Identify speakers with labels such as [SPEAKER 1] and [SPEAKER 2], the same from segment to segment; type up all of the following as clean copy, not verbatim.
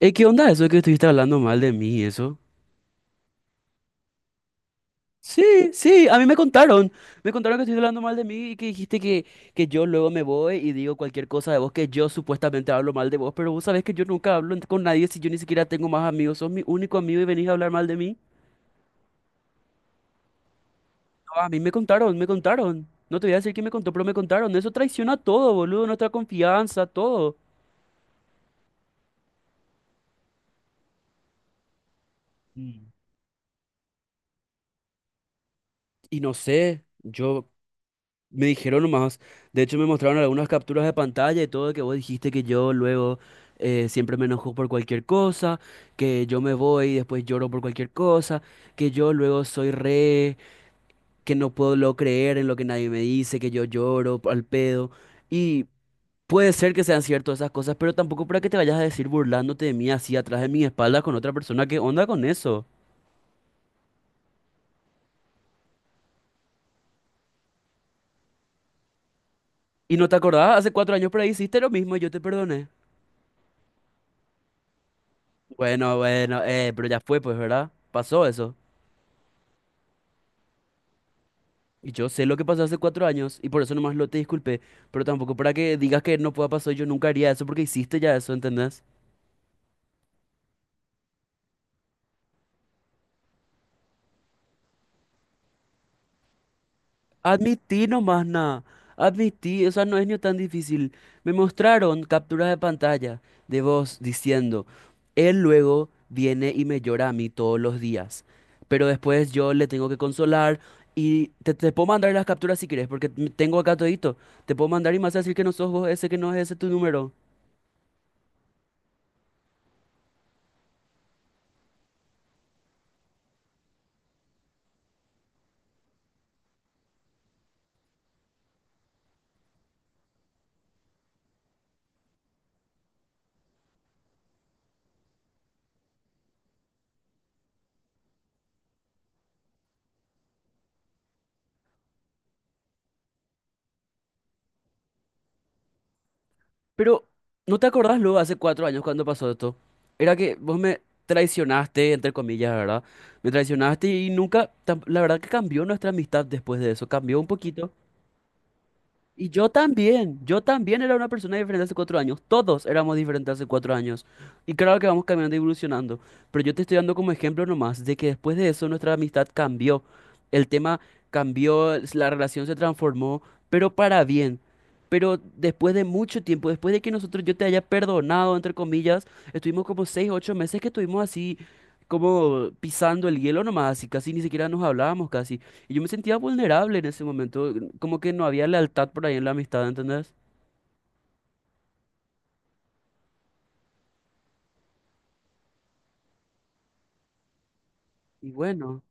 [SPEAKER 1] ¿Qué onda eso de que estuviste hablando mal de mí y eso? Sí, sí, a mí me contaron. Me contaron que estuviste hablando mal de mí y que dijiste que yo luego me voy y digo cualquier cosa de vos, que yo supuestamente hablo mal de vos, pero vos sabés que yo nunca hablo en- con nadie si yo ni siquiera tengo más amigos. Sos mi único amigo y venís a hablar mal de mí. No, a mí me contaron, me contaron. No te voy a decir quién me contó, pero me contaron. Eso traiciona todo, boludo, nuestra confianza, todo. Mm. Y no sé, yo me dijeron nomás, de hecho me mostraron algunas capturas de pantalla y todo que vos dijiste que yo luego siempre me enojo por cualquier cosa, que yo me voy y después lloro por cualquier cosa, que yo luego soy re, que no puedo luego creer en lo que nadie me dice, que yo lloro al pedo. Y puede ser que sean ciertas esas cosas, pero tampoco para que te vayas a decir burlándote de mí así atrás de mi espalda con otra persona, ¿qué onda con eso? ¿Y no te acordás? Hace 4 años por ahí hiciste lo mismo y yo te perdoné. Bueno, bueno, pero ya fue pues, ¿verdad? Pasó eso. Y yo sé lo que pasó hace 4 años y por eso nomás lo te disculpé, pero tampoco para que digas que no pueda pasar, yo nunca haría eso porque hiciste ya eso, ¿entendés? Admití nomás nada, admití, o sea, no es ni tan difícil. Me mostraron capturas de pantalla de vos diciendo, él luego viene y me llora a mí todos los días, pero después yo le tengo que consolar y te puedo mandar las capturas si quieres, porque m- tengo acá todito, te puedo mandar y más decir que no sos vos ese, que no es ese tu número. Pero, ¿no te acordás luego hace 4 años cuando pasó esto? Era que vos me traicionaste, entre comillas, ¿verdad? Me traicionaste y nunca, tam- la verdad que cambió nuestra amistad después de eso, cambió un poquito. Y yo también era una persona diferente hace 4 años, todos éramos diferentes hace 4 años. Y claro que vamos cambiando y evolucionando, pero yo te estoy dando como ejemplo nomás de que después de eso nuestra amistad cambió, el tema cambió, s- la relación se transformó, pero para bien. Pero después de mucho tiempo, después de que nosotros yo te haya perdonado, entre comillas, estuvimos como 6, 8 meses que estuvimos así, como pisando el hielo nomás, así casi ni siquiera nos hablábamos casi. Y yo me sentía vulnerable en ese momento, como que no había lealtad por ahí en la amistad, ¿entendés? Y bueno,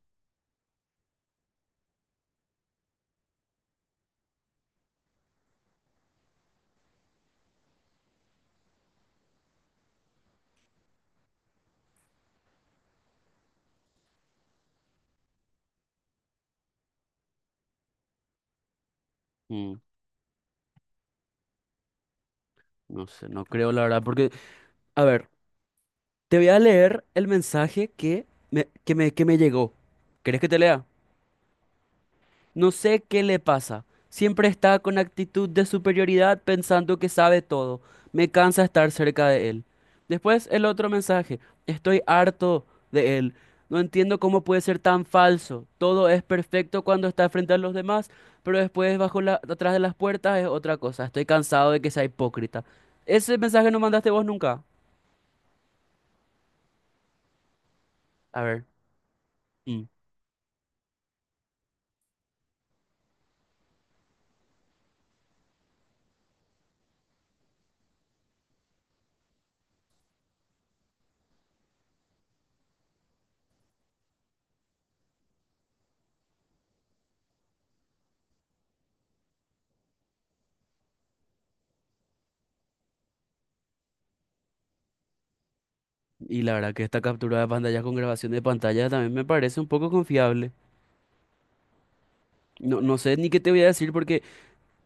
[SPEAKER 1] mm, no sé, no creo la verdad, porque, a ver, te voy a leer el mensaje que me llegó. ¿Querés que te lea? No sé qué le pasa. Siempre está con actitud de superioridad pensando que sabe todo. Me cansa estar cerca de él. Después el otro mensaje. Estoy harto de él. No entiendo cómo puede ser tan falso. Todo es perfecto cuando está frente a los demás, pero después atrás de las puertas es otra cosa. Estoy cansado de que sea hipócrita. Ese mensaje no mandaste vos nunca. A ver. Mm. Y la verdad que esta captura de pantalla con grabación de pantalla también me parece un poco confiable. No, no sé ni qué te voy a decir porque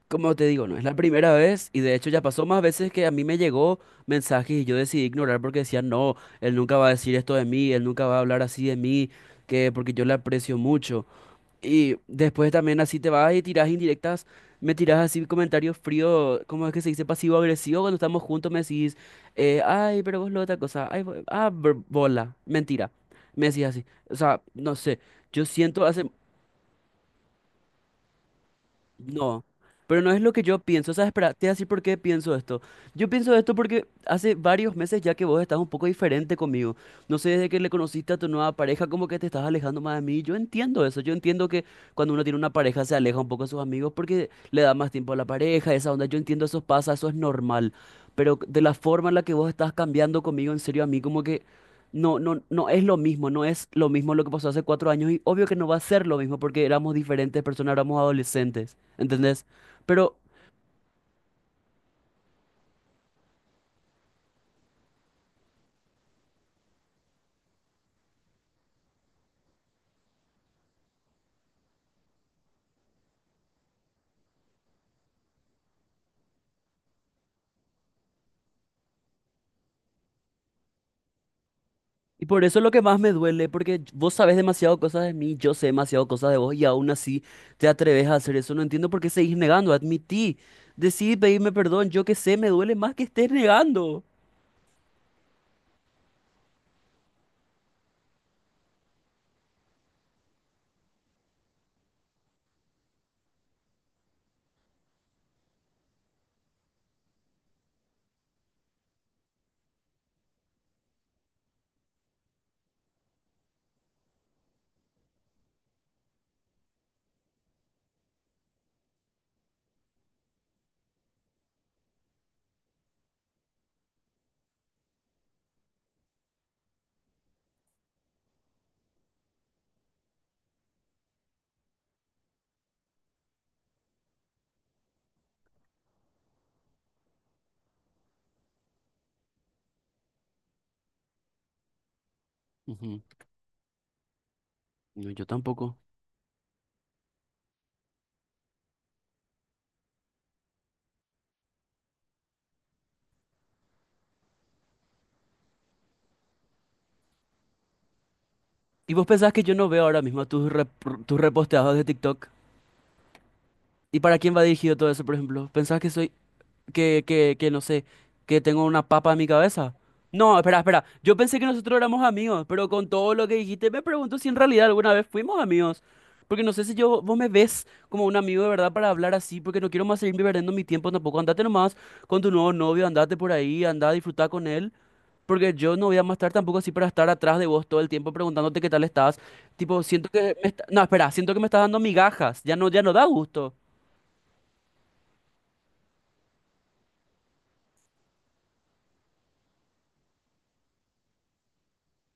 [SPEAKER 1] como te digo, no es la primera vez y de hecho ya pasó más veces que a mí me llegó mensajes y yo decidí ignorar porque decía, no, él nunca va a decir esto de mí, él nunca va a hablar así de mí, que porque yo le aprecio mucho. Y después también así te vas y tiras indirectas, me tiras así comentarios fríos, ¿cómo es que se dice? Pasivo-agresivo, cuando estamos juntos me decís, ay, pero vos lo otra cosa, ay, bo- ah, br- bola, mentira, me decís así, o sea, no sé, yo siento hace, no, pero no es lo que yo pienso. ¿Sabes? Espera, te voy a decir por qué pienso esto. Yo pienso esto porque hace varios meses ya que vos estás un poco diferente conmigo. No sé, desde que le conociste a tu nueva pareja, como que te estás alejando más de mí. Yo entiendo eso. Yo entiendo que cuando uno tiene una pareja se aleja un poco de sus amigos porque le da más tiempo a la pareja, esa onda. Yo entiendo eso pasa, eso es normal. Pero de la forma en la que vos estás cambiando conmigo, en serio, a mí como que... No, no es lo mismo, no es lo mismo lo que pasó hace cuatro años y obvio que no va a ser lo mismo porque éramos diferentes personas, éramos adolescentes, ¿entendés? Pero, y por eso es lo que más me duele, porque vos sabés demasiado cosas de mí, yo sé demasiado cosas de vos y aún así te atreves a hacer eso, no entiendo por qué seguís negando, admití, decidí pedirme perdón, yo que sé, me duele más que estés negando. Ujú. No, yo tampoco. ¿Y vos pensás que yo no veo ahora mismo tus, rep- tus reposteados de TikTok? ¿Y para quién va dirigido todo eso, por ejemplo? ¿Pensás que soy, que no sé, que tengo una papa en mi cabeza? No, espera, espera. Yo pensé que nosotros éramos amigos, pero con todo lo que dijiste me pregunto si en realidad alguna vez fuimos amigos. Porque no sé si yo, vos me ves como un amigo de verdad para hablar así, porque no quiero más seguir perdiendo mi tiempo tampoco. Andate nomás con tu nuevo novio, andate por ahí, andá a disfrutar con él. Porque yo no voy a más estar tampoco así para estar atrás de vos todo el tiempo preguntándote qué tal estás. Tipo, siento que me está- No, espera, siento que me estás dando migajas. Ya no, ya no da gusto.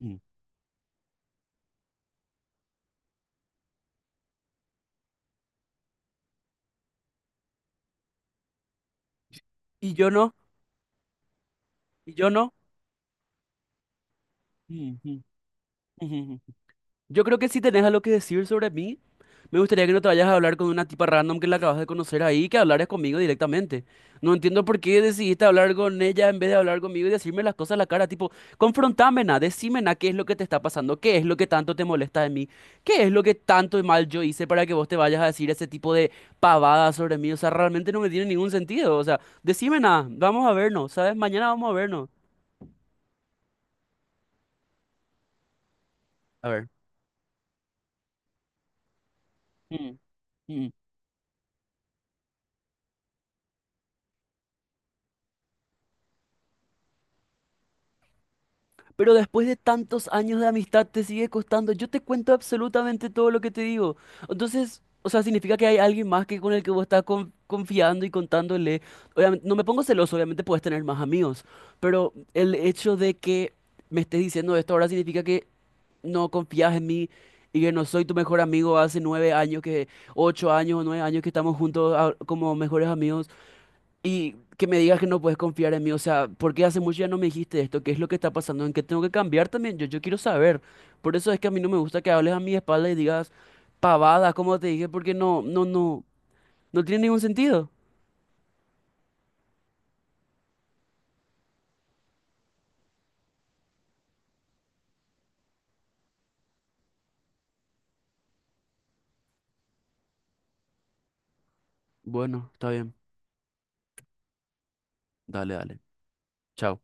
[SPEAKER 1] Mm. Y yo no, y yo no. Mm, mm. Mm, mm. Yo creo que si tenés algo que decir sobre mí, me gustaría que no te vayas a hablar con una tipa random que la acabas de conocer ahí, que hablaras conmigo directamente. No entiendo por qué decidiste hablar con ella en vez de hablar conmigo y decirme las cosas a la cara, tipo, confrontámena, decímena qué es lo que te está pasando, qué es lo que tanto te molesta de mí, qué es lo que tanto mal yo hice para que vos te vayas a decir ese tipo de pavadas sobre mí. O sea, realmente no me tiene ningún sentido. O sea, decímena, vamos a vernos, ¿sabes? Mañana vamos a vernos. A ver. Mm, mm. Pero después de tantos años de amistad te sigue costando. Yo te cuento absolutamente todo lo que te digo. Entonces, o sea, significa que hay alguien más que con el que vos estás con- confiando y contándole. Obviamente, no me pongo celoso, obviamente puedes tener más amigos, pero el hecho de que me estés diciendo esto ahora significa que no confías en mí y que no soy tu mejor amigo hace 9 años, que 8 años o 9 años que estamos juntos como mejores amigos y que me digas que no puedes confiar en mí. O sea, ¿por qué hace mucho ya no me dijiste esto? ¿Qué es lo que está pasando? ¿En qué tengo que cambiar también? Yo quiero saber. Por eso es que a mí no me gusta que hables a mi espalda y digas pavadas, como te dije, porque no tiene ningún sentido. Bueno, está bien. Dale, dale. Chao.